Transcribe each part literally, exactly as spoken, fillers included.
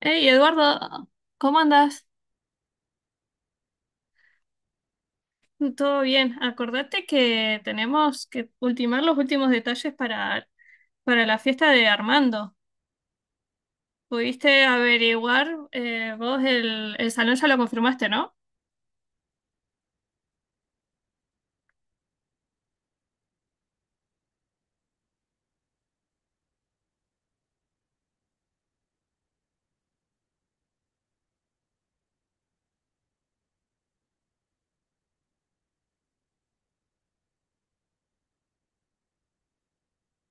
Hey, Eduardo, ¿cómo andas? ¿Todo bien? Acordate que tenemos que ultimar los últimos detalles para, para la fiesta de Armando. ¿Pudiste averiguar? eh, vos el, el salón ya lo confirmaste, ¿no?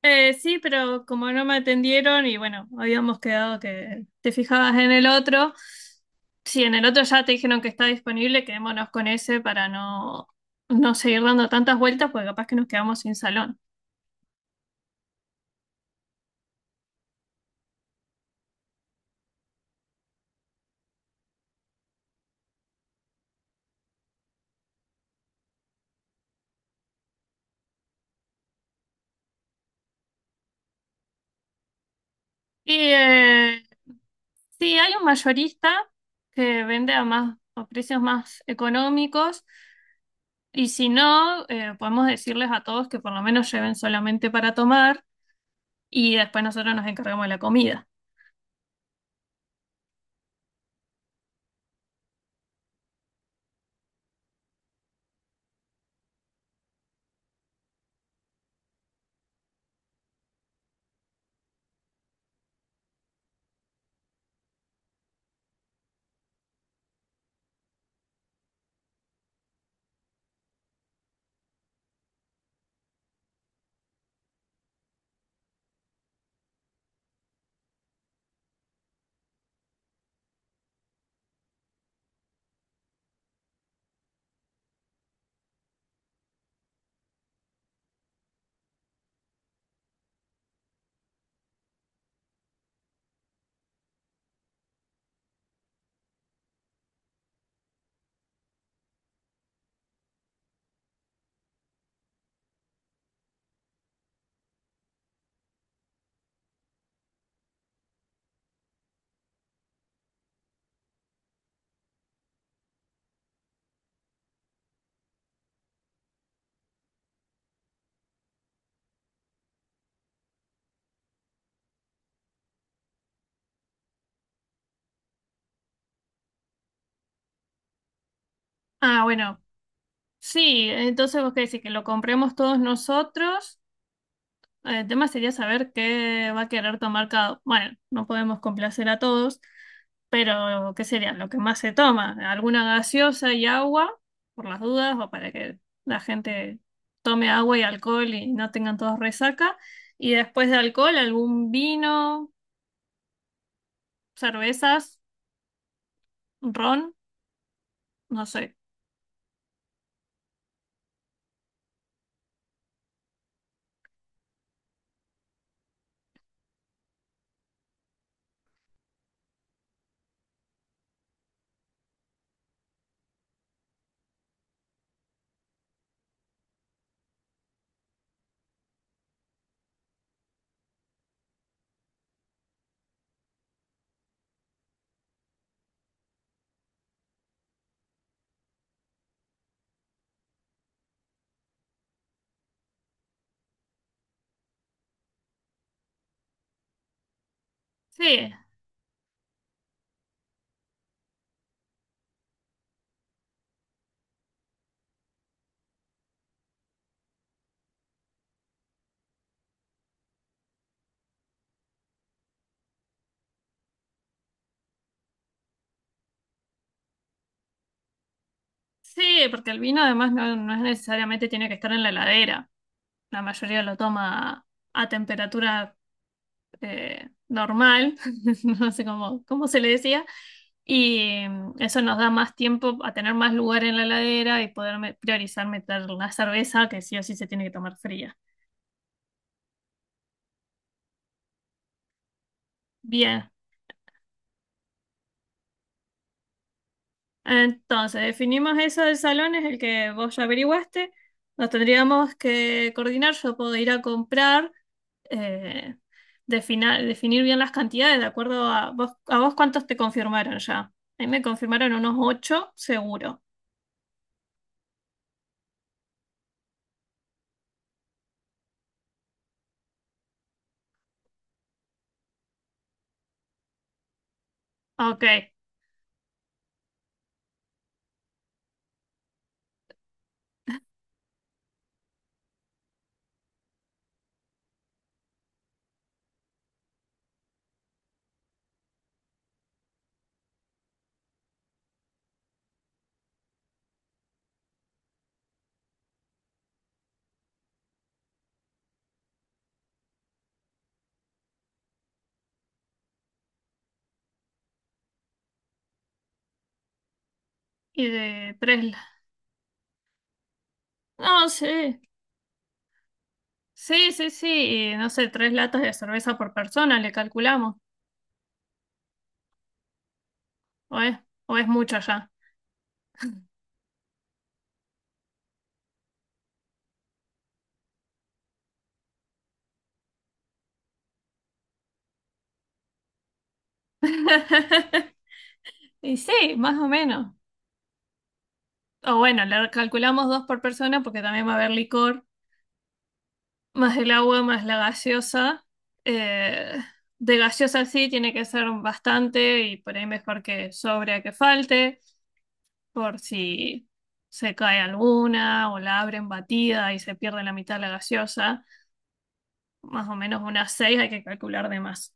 Eh, sí, pero como no me atendieron y bueno, habíamos quedado que te fijabas en el otro. Si en el otro ya te dijeron que está disponible, quedémonos con ese para no, no seguir dando tantas vueltas porque capaz que nos quedamos sin salón. Y eh, sí, hay un mayorista que vende a más a precios más económicos y si no, eh, podemos decirles a todos que por lo menos lleven solamente para tomar y después nosotros nos encargamos de la comida. Ah, bueno, sí, entonces vos qué decís, que lo compremos todos nosotros. El tema sería saber qué va a querer tomar cada. Bueno, no podemos complacer a todos, pero ¿qué sería lo que más se toma? ¿Alguna gaseosa y agua, por las dudas, o para que la gente tome agua y alcohol y no tengan todos resaca? Y después de alcohol, algún vino, cervezas, ron, no sé. Sí, sí, porque el vino además no, no es necesariamente tiene que estar en la heladera. La mayoría lo toma a temperatura eh, normal, no sé cómo, cómo se le decía, y mm, eso nos da más tiempo a tener más lugar en la heladera y poder me- priorizar meter la cerveza que sí o sí se tiene que tomar fría. Bien, entonces definimos eso del salón, es el que vos ya averiguaste. Nos tendríamos que coordinar, yo puedo ir a comprar, eh, defina- definir bien las cantidades, de acuerdo a vos, a vos cuántos te confirmaron ya. A mí me confirmaron unos ocho, seguro. Ok. Y de tres... la- No, sí. Sí, sí, sí. Y no sé, tres latas de cerveza por persona, le calculamos. O es, o es mucho ya. Y sí, más o menos. O bueno, le calculamos dos por persona porque también va a haber licor, más el agua, más la gaseosa. Eh, de gaseosa sí, tiene que ser bastante y por ahí mejor que sobre a que falte, por si se cae alguna o la abren batida y se pierde la mitad de la gaseosa. Más o menos unas seis, hay que calcular de más.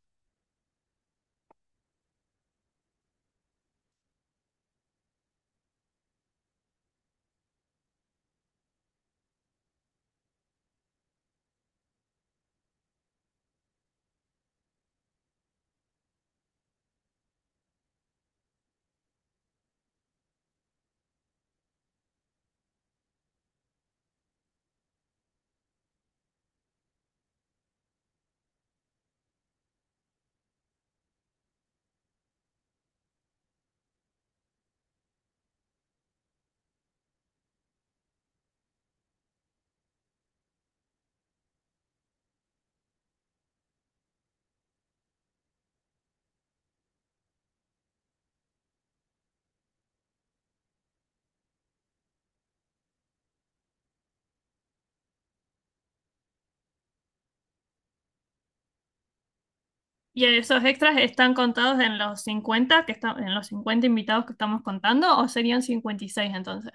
Y esos extras están contados en los cincuenta que está- en los cincuenta invitados que estamos contando, o serían cincuenta y seis entonces.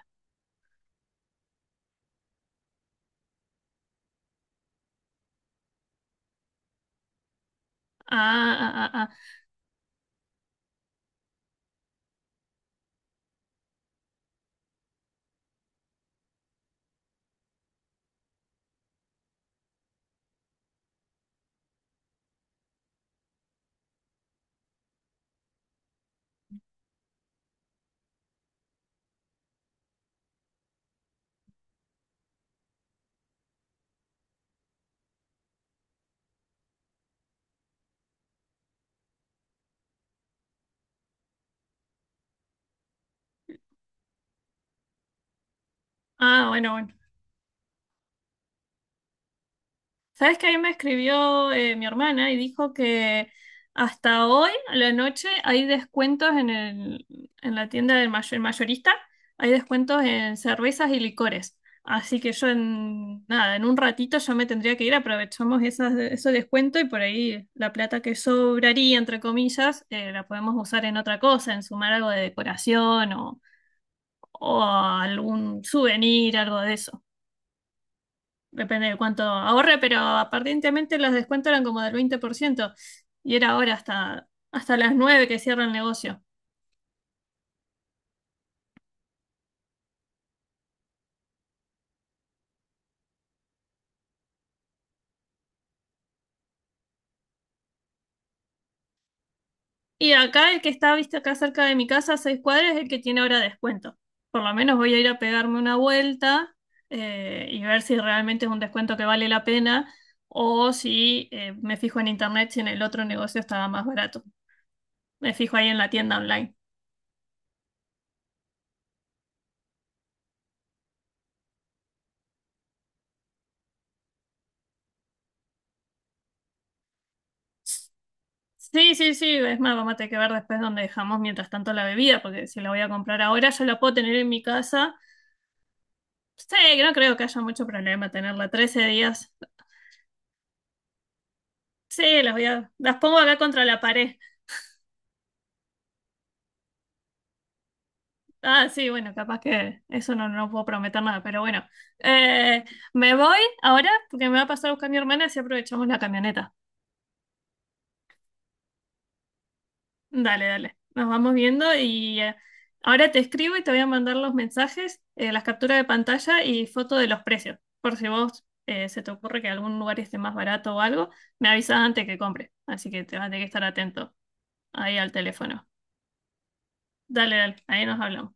Ah, ah, ah, ah. Ah, bueno, bueno. Sabes que ahí me escribió eh, mi hermana y dijo que hasta hoy, a la noche, hay descuentos en el, en la tienda del mayor, mayorista, hay descuentos en cervezas y licores. Así que yo en nada, en un ratito yo me tendría que ir, aprovechamos esas, ese descuento y por ahí la plata que sobraría, entre comillas, eh, la podemos usar en otra cosa, en sumar algo de decoración o, o algún souvenir, algo de eso depende de cuánto ahorre, pero aparentemente los descuentos eran como del veinte por ciento. Y era ahora hasta, hasta las nueve que cierra el negocio. Y acá el que está, viste, acá cerca de mi casa, a seis cuadras, es el que tiene ahora descuento. Por lo menos voy a ir a pegarme una vuelta eh, y ver si realmente es un descuento que vale la pena o si eh, me fijo en internet si en el otro negocio estaba más barato. Me fijo ahí en la tienda online. Sí, sí, sí, es más, vamos a tener que ver después dónde dejamos mientras tanto la bebida, porque si la voy a comprar ahora, yo la puedo tener en mi casa. Sí, no creo que haya mucho problema tenerla trece días. Sí, las voy a, las pongo acá contra la pared. Ah, sí, bueno, capaz que eso no, no puedo prometer nada, pero bueno. Eh, Me voy ahora porque me va a pasar a buscar mi hermana y si aprovechamos la camioneta. Dale, dale. Nos vamos viendo y eh, ahora te escribo y te voy a mandar los mensajes, eh, las capturas de pantalla y foto de los precios. Por si vos eh, se te ocurre que algún lugar esté más barato o algo, me avisas antes que compre. Así que te vas a tener que estar atento ahí al teléfono. Dale, dale. Ahí nos hablamos.